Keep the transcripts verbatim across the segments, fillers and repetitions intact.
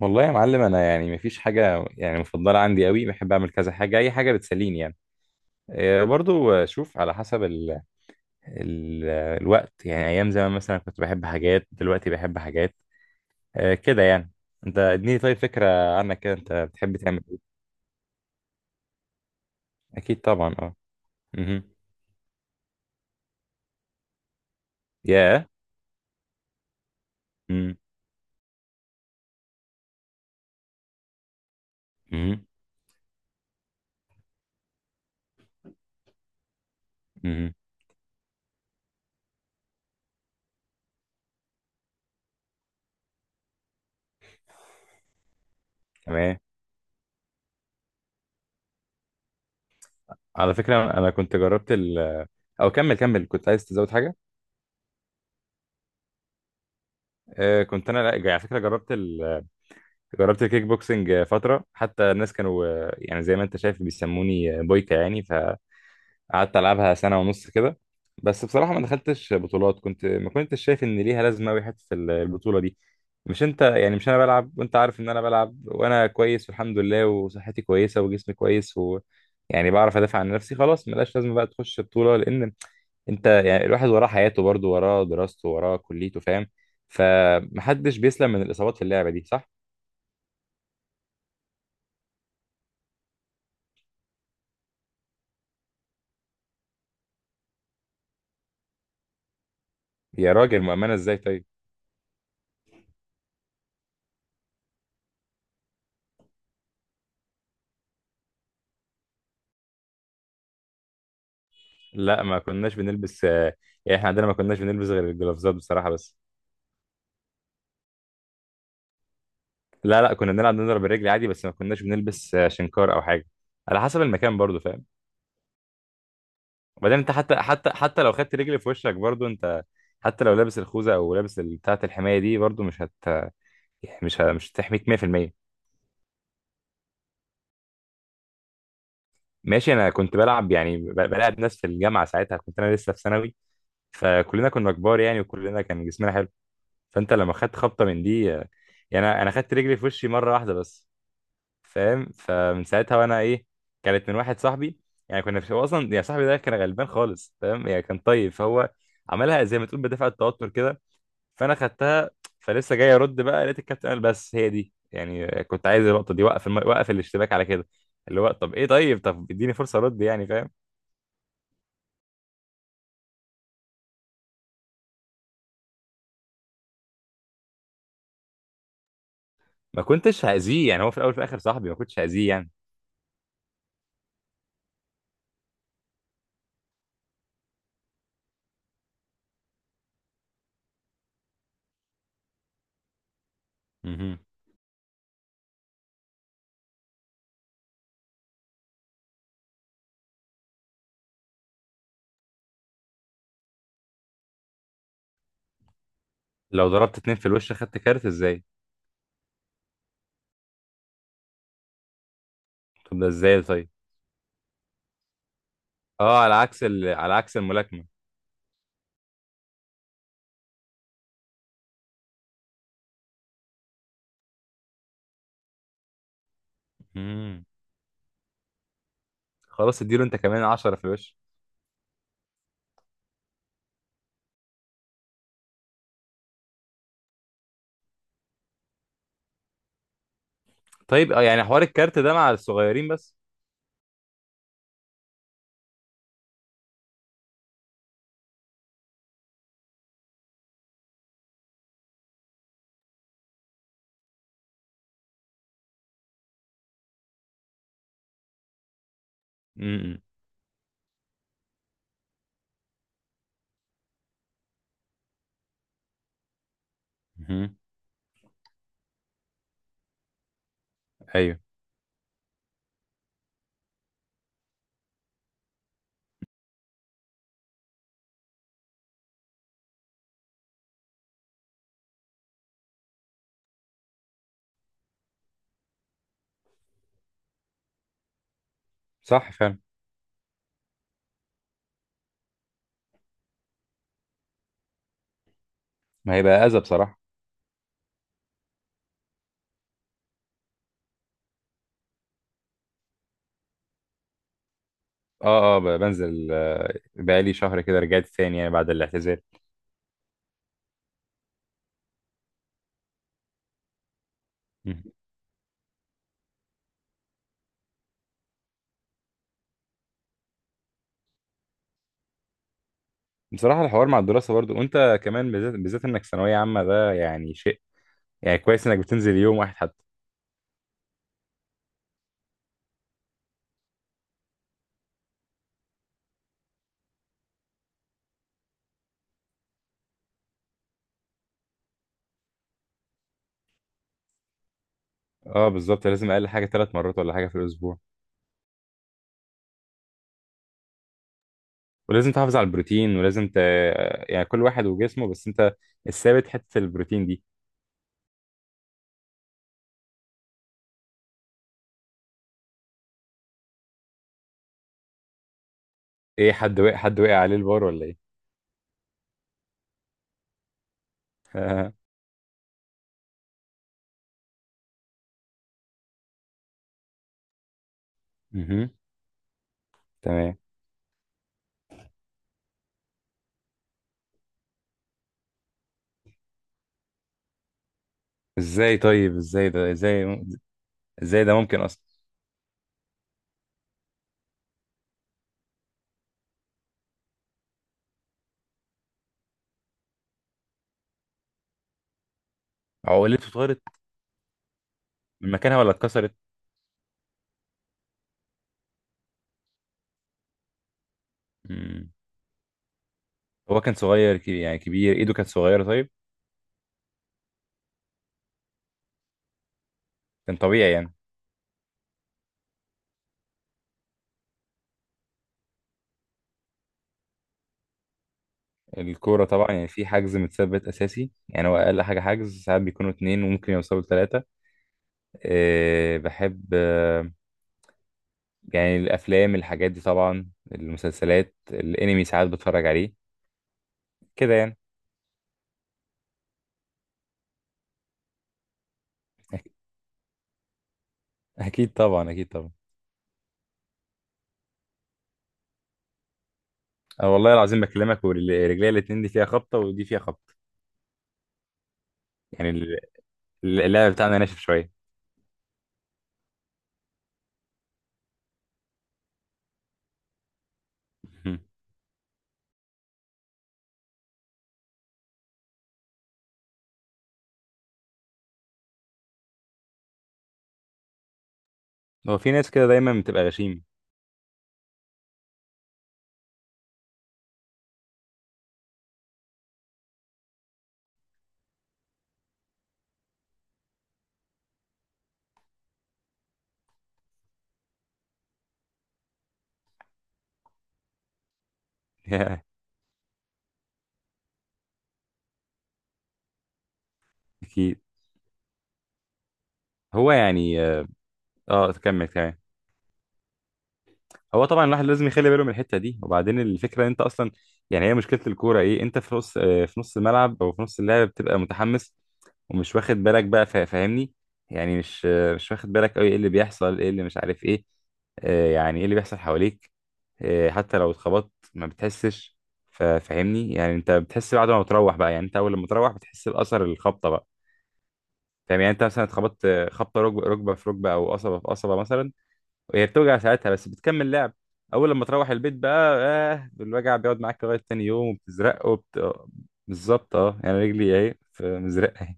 والله يا معلم، انا يعني مفيش حاجه يعني مفضله عندي قوي. بحب اعمل كذا حاجه، اي حاجه بتسليني يعني. إيه، برضو شوف على حسب ال ال الوقت. يعني ايام زمان مثلا كنت بحب حاجات، دلوقتي بحب حاجات، إيه، كده يعني. انت اديني طيب فكره عنك، كده انت بتحب تعمل ايه؟ اكيد طبعا، اه. امم. يا. امم. امم. امم. تمام. على فكره انا كنت جربت ال او كمل كمل، كنت عايز تزود حاجه. إيه، كنت انا، لا على فكره جربت جربت الكيك بوكسنج فترة، حتى الناس كانوا آه، يعني زي ما انت شايف بيسموني آه، بويكا يعني. فقعدت العبها سنة ونص كده. بس بصراحة ما دخلتش بطولات، كنت ما كنتش شايف ان ليها لازمة أوي حتة البطولة دي. مش انت يعني مش انا بلعب، وانت عارف ان انا بلعب وانا كويس والحمد لله، وصحتي كويسة وجسمي كويس، و يعني بعرف ادافع عن نفسي. خلاص، ملاش لازمة بقى تخش بطولة، لان انت يعني الواحد وراه حياته برضه، وراه دراسته وراه كليته، فاهم. فمحدش بيسلم من الإصابات في اللعبة دي، صح؟ يا راجل مؤمنة ازاي طيب؟ لا، ما كناش بنلبس آه، يعني احنا عندنا ما كناش بنلبس غير الجلافزات بصراحة بس. لا لا، كنا بنلعب نضرب الرجل عادي، بس ما كناش بنلبس آه، شنكار او حاجة، على حسب المكان برضو، فاهم. وبعدين انت، حتى حتى حتى لو خدت رجل في وشك برضو انت، حتى لو لابس الخوذة او لابس ال- بتاعة الحماية دي، برضو مش هت يعني مش ه... مش هتحميك مية في المية. ماشي، انا كنت بلعب يعني ب- بلعب ناس في الجامعة، ساعتها كنت انا لسه في ثانوي، فكلنا كنا كبار يعني وكلنا كان جسمنا حلو. فانت لما خدت خبطه من دي آه، يعني انا، أنا خدت رجلي في وشي مره واحده بس، فاهم، فمن ساعتها وانا ايه. كانت من واحد صاحبي، يعني كنا في، هو اصلا يعني صاحبي ده كان غلبان خالص، فاهم، يعني كان طيب، فهو عملها زي ما تقول بدافع التوتر كده، فانا خدتها. فلسه جاي ارد بقى، لقيت الكابتن قال بس هي دي، يعني كنت عايز اللقطه دي، وقف الم... وقف الاشتباك على كده. اللي هو طب ايه، طيب طب اديني فرصه ارد يعني، فاهم. ما كنتش هاذيه يعني، هو في الاول في الاخر صاحبي، ما كنتش هاذيه يعني. مهم. لو ضربت اتنين في الوش خدت كارت ازاي؟ طب ده ازاي طيب؟ اه، على عكس ال... على عكس الملاكمة. امم. خلاص، اديله انت كمان عشرة في الوش. طيب اه، يعني حوار الكارت ده مع الصغيرين بس؟ امم. امم. ايوه. صح فعلا. ما هيبقى اذى بصراحة. اه اه، ب- بنزل آه، بقالي شهر كده، رجعت تاني يعني بعد الاعتزال. مم. بصراحة الحوار مع الدراسة برضو، وانت كمان بالذات، بالذات انك ثانوية عامة، ده يعني شيء. يعني كويس انك بتنزل يوم واحد حتى. اه بالظبط، لازم اقل حاجة ثلاث مرات ولا حاجة في الاسبوع. ولازم تحافظ على البروتين، ولازم ت... يعني كل واحد وجسمه، بس انت الثابت حتة البروتين دي. ايه، حد وقع، حد وقع عليه البار ولا ايه؟ مهم. تمام. ازاي طيب؟ ازاي ده؟ ازاي؟ ازاي ده ممكن اصلا؟ عقلته اتطارت من مكانها ولا اتكسرت؟ مم. هو كان صغير كبير، يعني كبير ايده كانت صغيرة طيب؟ كان طبيعي يعني. الكورة طبعا، يعني في حجز متثبت أساسي، يعني هو أقل حاجة حجز ساعات بيكونوا اتنين وممكن يوصلوا لتلاتة. أه بحب، يعني الافلام الحاجات دي طبعا، المسلسلات، الانمي ساعات بتفرج عليه، كده يعني. أك- اكيد طبعا، اكيد طبعا. أه والله العظيم بكلمك ورجلي الاتنين، دي فيها خبطه ودي فيها خبطه، يعني ال- اللعب بتاعنا ناشف شويه. مم. هو في ناس كده دايما بتبقى غشيم. اكيد. هو يعني اه، آه، تكمل كمان. هو طبعا الواحد لازم يخلي باله من الحته دي، وبعدين الفكره ان انت اصلا، يعني هي مشكله الكوره ايه، انت في نص آه، في نص الملعب او في نص اللعب بتبقى متحمس، ومش واخد بالك بقى، فا- فاهمني. يعني مش آه، مش واخد بالك قوي ايه اللي بيحصل، ايه اللي مش عارف ايه، آه، يعني ايه اللي بيحصل حواليك، آه، حتى لو اتخبطت ما بتحسش، فا- فاهمني. يعني انت بتحس بعد ما بتروح بقى، يعني انت اول لما تروح بتحس باثر الخبطه بقى، فاهم، يعني انت مثلا اتخبطت آه، خبطه ركبه، ركبه في ركبه او قصبه في قصبه مثلا. هي بتوجع ساعتها بس بتكمل لعب. اول لما تروح البيت بقى، آه الوجع بيقعد معاك لغايه تاني يوم، وبتزرق وبت... بالظبط اه، يعني رجلي اهي في مزرقه اهي.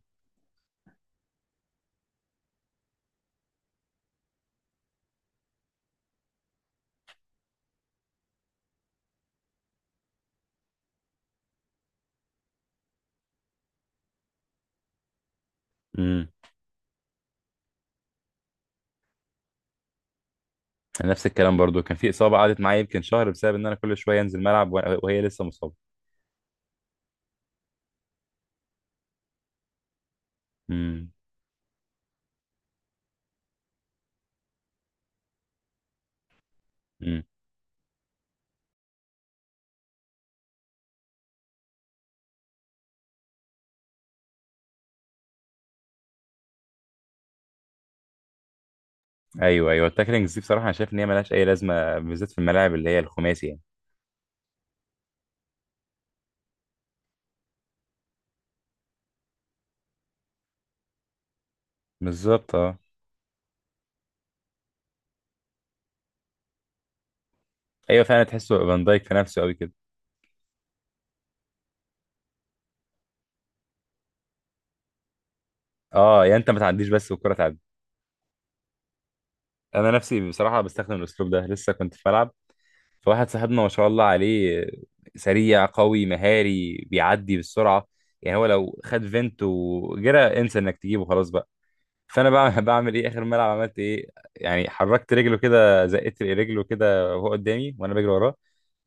امم. نفس الكلام برضو، كان في اصابه قعدت معايا يمكن شهر، بسبب ان انا كل شويه انزل ملعب، وأنا- وهي لسه مصابه. امم. امم. ايوه ايوه، التاكلينجز دي بصراحه انا شايف ان هي ملهاش اي لازمه، بالذات في الملاعب اللي هي الخماسي يعني. بالظبط اه. ايوه فعلا، تحسه فان دايك في نفسه قوي كده. اه، يا انت ما تعديش بس والكره تعدي. انا نفسي بصراحه بستخدم الاسلوب ده، لسه كنت في ملعب فواحد صاحبنا ما شاء الله عليه، سريع قوي مهاري بيعدي بالسرعه، يعني هو لو خد فينت وجرى انسى انك تجيبه خلاص بقى. فانا بقى بعمل ايه، اخر ملعب عملت ايه، يعني حركت رجله كده، زقيت رجله كده وهو قدامي وانا بجري وراه،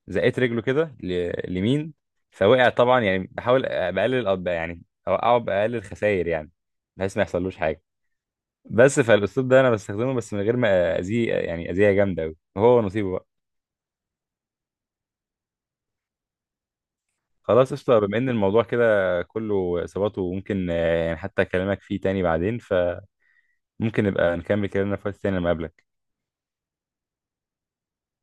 زقيت رجله كده ل- لمين، فوقع طبعا. يعني بحاول بقلل الأب- يعني اوقعه باقل الخسائر يعني، بحيث ما يحصلوش حاجه. بس فالاسلوب ده انا بستخدمه، بس من غير ما اذيه يعني اذيه جامده قوي، هو نصيبه بقى. خلاص قشطة، بما ان الموضوع كده كله اصابات وممكن آه، يعني حتى اكلمك فيه تاني بعدين، فممكن نبقى نكمل كلامنا في وقت تاني لما اقابلك.